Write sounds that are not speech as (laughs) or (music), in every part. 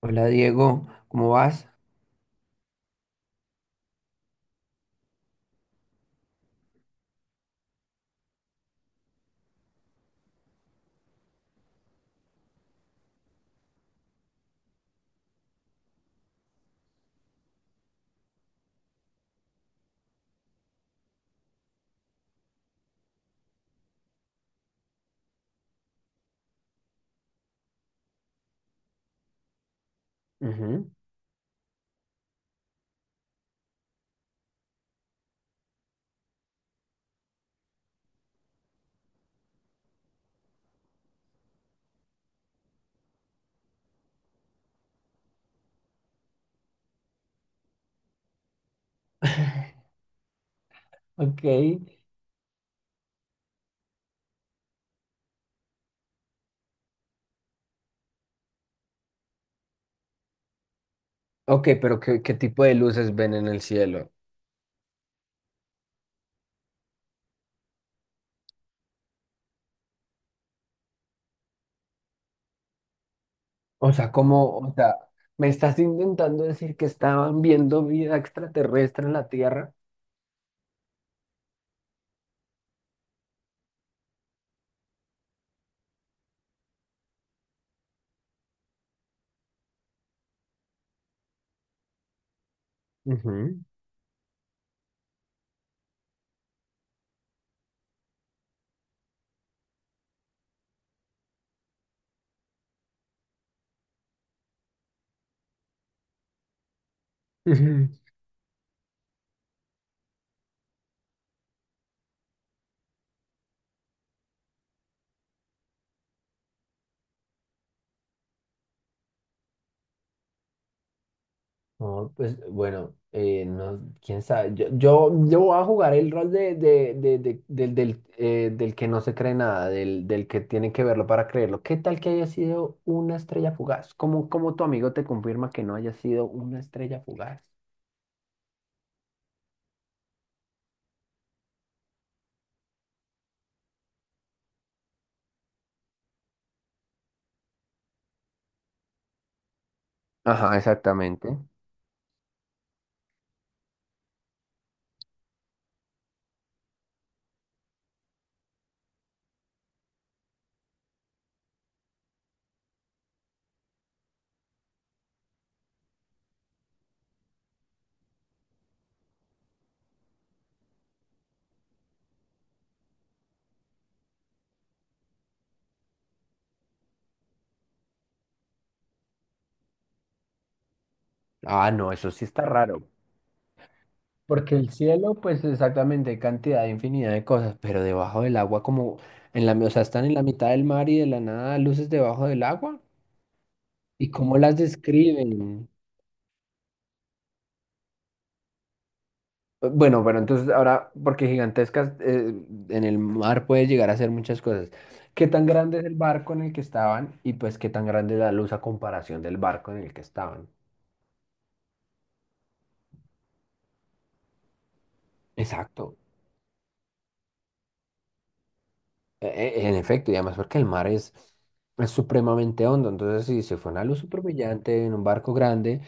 Hola Diego, ¿cómo vas? Ujú. (laughs) Ok. Ok, pero ¿¿qué tipo de luces ven en el cielo? O sea, ¿ me estás intentando decir que estaban viendo vida extraterrestre en la Tierra? Ujú. (laughs) No, pues bueno, no, quién sabe. Yo voy a jugar el rol del que no se cree nada, del que tiene que verlo para creerlo. ¿Qué tal que haya sido una estrella fugaz? ¿Cómo tu amigo te confirma que no haya sido una estrella fugaz? Ajá, exactamente. Ah, no, eso sí está raro. Porque el cielo, pues exactamente, hay cantidad, infinidad de cosas, pero debajo del agua, como en la, o sea, están en la mitad del mar y de la nada luces debajo del agua. ¿Y cómo las describen? Bueno, pero entonces ahora, porque gigantescas, en el mar puede llegar a ser muchas cosas. ¿Qué tan grande es el barco en el que estaban? Y pues, ¿qué tan grande es la luz a comparación del barco en el que estaban? Exacto. E- en efecto, y además porque el mar es supremamente hondo. Entonces, si se fue una luz súper brillante en un barco grande,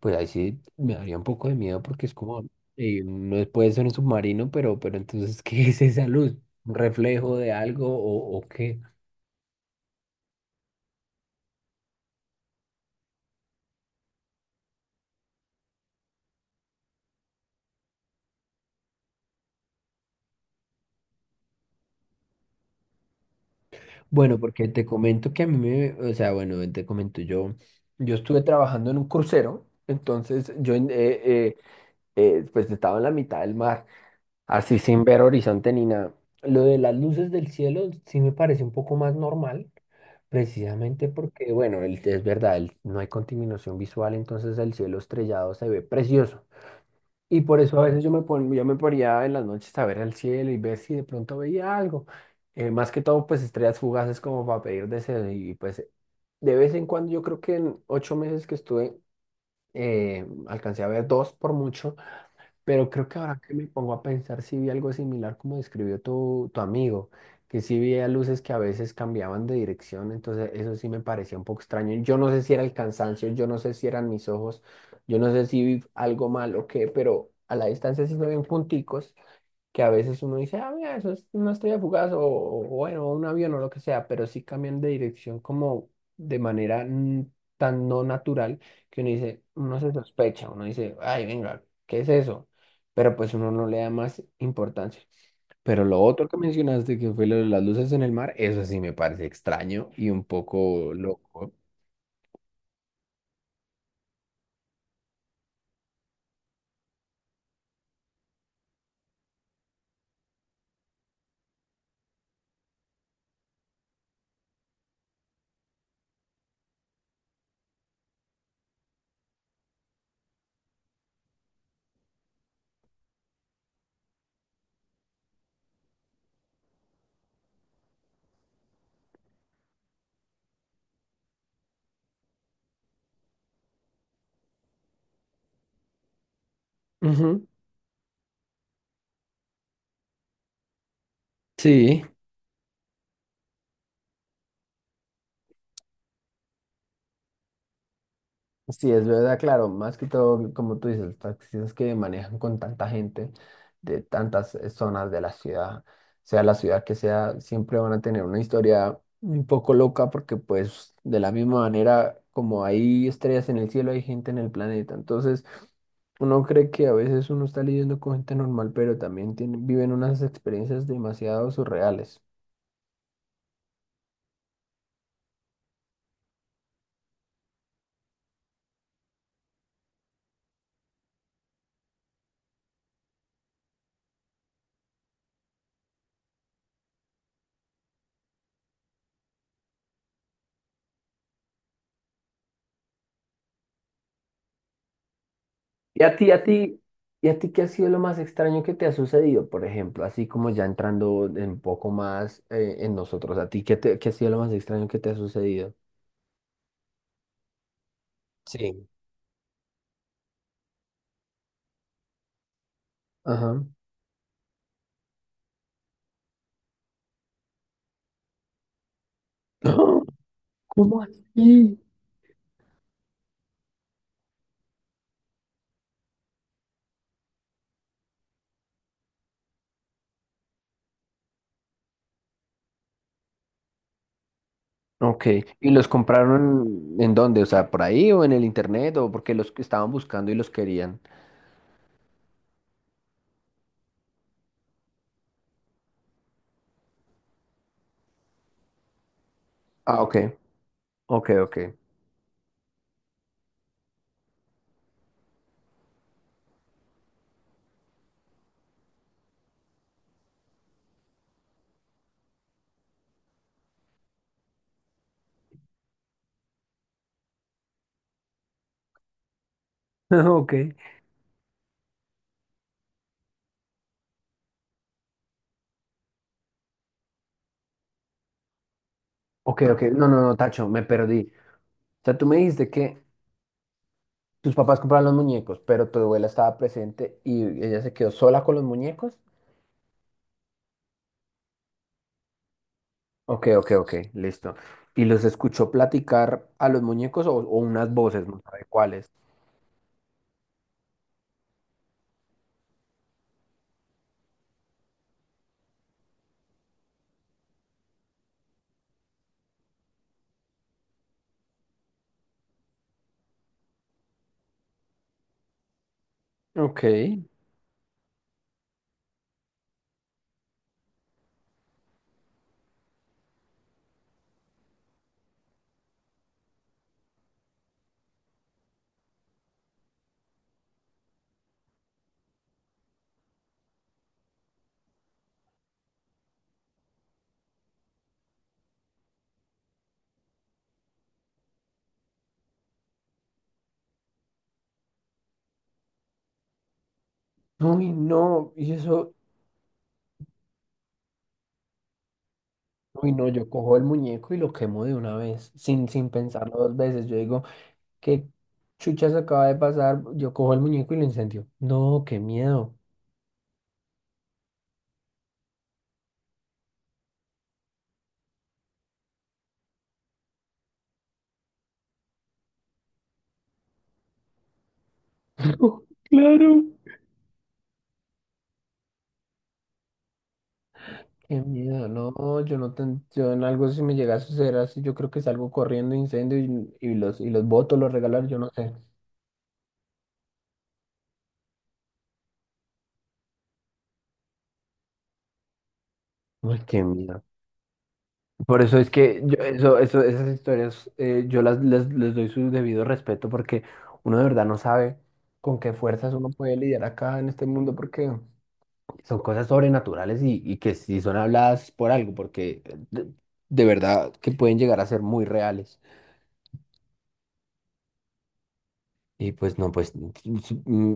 pues ahí sí me daría un poco de miedo porque es como, no puede ser un submarino, pero entonces, (laughs) ¿qué es esa luz? ¿Un reflejo de algo o qué? Bueno, porque te comento que a mí me, o sea, bueno, te comento yo, yo estuve trabajando en un crucero, entonces yo pues estaba en la mitad del mar, así sin ver horizonte ni nada. Lo de las luces del cielo sí me parece un poco más normal, precisamente porque, bueno, es verdad, no hay contaminación visual, entonces el cielo estrellado se ve precioso. Y por eso a veces yo me ponía en las noches a ver el cielo y ver si de pronto veía algo. Más que todo, pues estrellas fugaces como para pedir deseos. Y pues de vez en cuando, yo creo que en ocho meses que estuve, alcancé a ver dos por mucho. Pero creo que ahora que me pongo a pensar, si vi algo similar como describió tu amigo, que sí veía luces que a veces cambiaban de dirección, entonces eso sí me parecía un poco extraño. Yo no sé si era el cansancio, yo no sé si eran mis ojos, yo no sé si vi algo mal o qué, pero a la distancia sí se ven punticos que a veces uno dice, ah, mira, eso es una estrella fugaz o bueno, un avión o lo que sea, pero sí cambian de dirección como de manera tan no natural que uno dice, uno se sospecha, uno dice, ay, venga, ¿qué es eso? Pero pues uno no le da más importancia. Pero lo otro que mencionaste, que fue lo de las luces en el mar, eso sí me parece extraño y un poco loco. Ujú. Sí. Sí, es verdad, claro, más que todo, como tú dices, los taxistas que manejan con tanta gente de tantas zonas de la ciudad, sea la ciudad que sea, siempre van a tener una historia un poco loca porque pues de la misma manera como hay estrellas en el cielo, hay gente en el planeta. Entonces, uno cree que a veces uno está lidiando con gente normal, pero también tiene, viven unas experiencias demasiado surreales. Y a ti, a ti, y a ti, ¿qué ha sido lo más extraño que te ha sucedido, por ejemplo? Así como ya entrando en un poco más en nosotros, ¿a ti qué, qué ha sido lo más extraño que te ha sucedido? Sí. Ajá. (gasps) ¡Ah! ¿Cómo así? Ok, ¿y los compraron en dónde? O sea, ¿por ahí o en el internet o porque los que estaban buscando y los querían? Ah, ok, ok, ok. (laughs) Ok, ok, ok, no, no, no, Tacho, me perdí. O sea, tú me dijiste que tus papás compraron los muñecos, pero tu abuela estaba presente y ella se quedó sola con los muñecos. Ok, ok, ok, listo. ¿Y los escuchó platicar a los muñecos o unas voces, no sabe cuáles? Ok. Uy, no, y eso, uy, no, yo cojo el muñeco y lo quemo de una vez, sin, sin pensarlo dos veces. Yo digo, ¿qué chuchas acaba de pasar? Yo cojo el muñeco y lo incendio. No, qué miedo. (laughs) Claro. Qué miedo, no, yo no ten- yo en algo si me llega a suceder así, yo creo que salgo corriendo incendio y, y los boto, los regalar, yo no sé. Uy, qué miedo. Por eso es que yo, esas historias yo las, les doy su debido respeto porque uno de verdad no sabe con qué fuerzas uno puede lidiar acá en este mundo porque son cosas sobrenaturales y que si son habladas por algo, porque de verdad que pueden llegar a ser muy reales. Y pues no, pues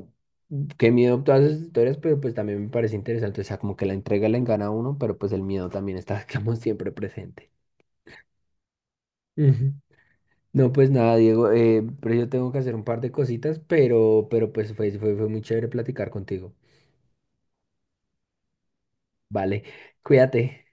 qué miedo todas esas historias, pero pues también me parece interesante, o sea, como que la entrega le engana a uno, pero pues el miedo también está, (laughs) como siempre presente. Ujú. No, pues nada, Diego, pero yo tengo que hacer un par de cositas, pero pues fue muy chévere platicar contigo. Vale, cuídate.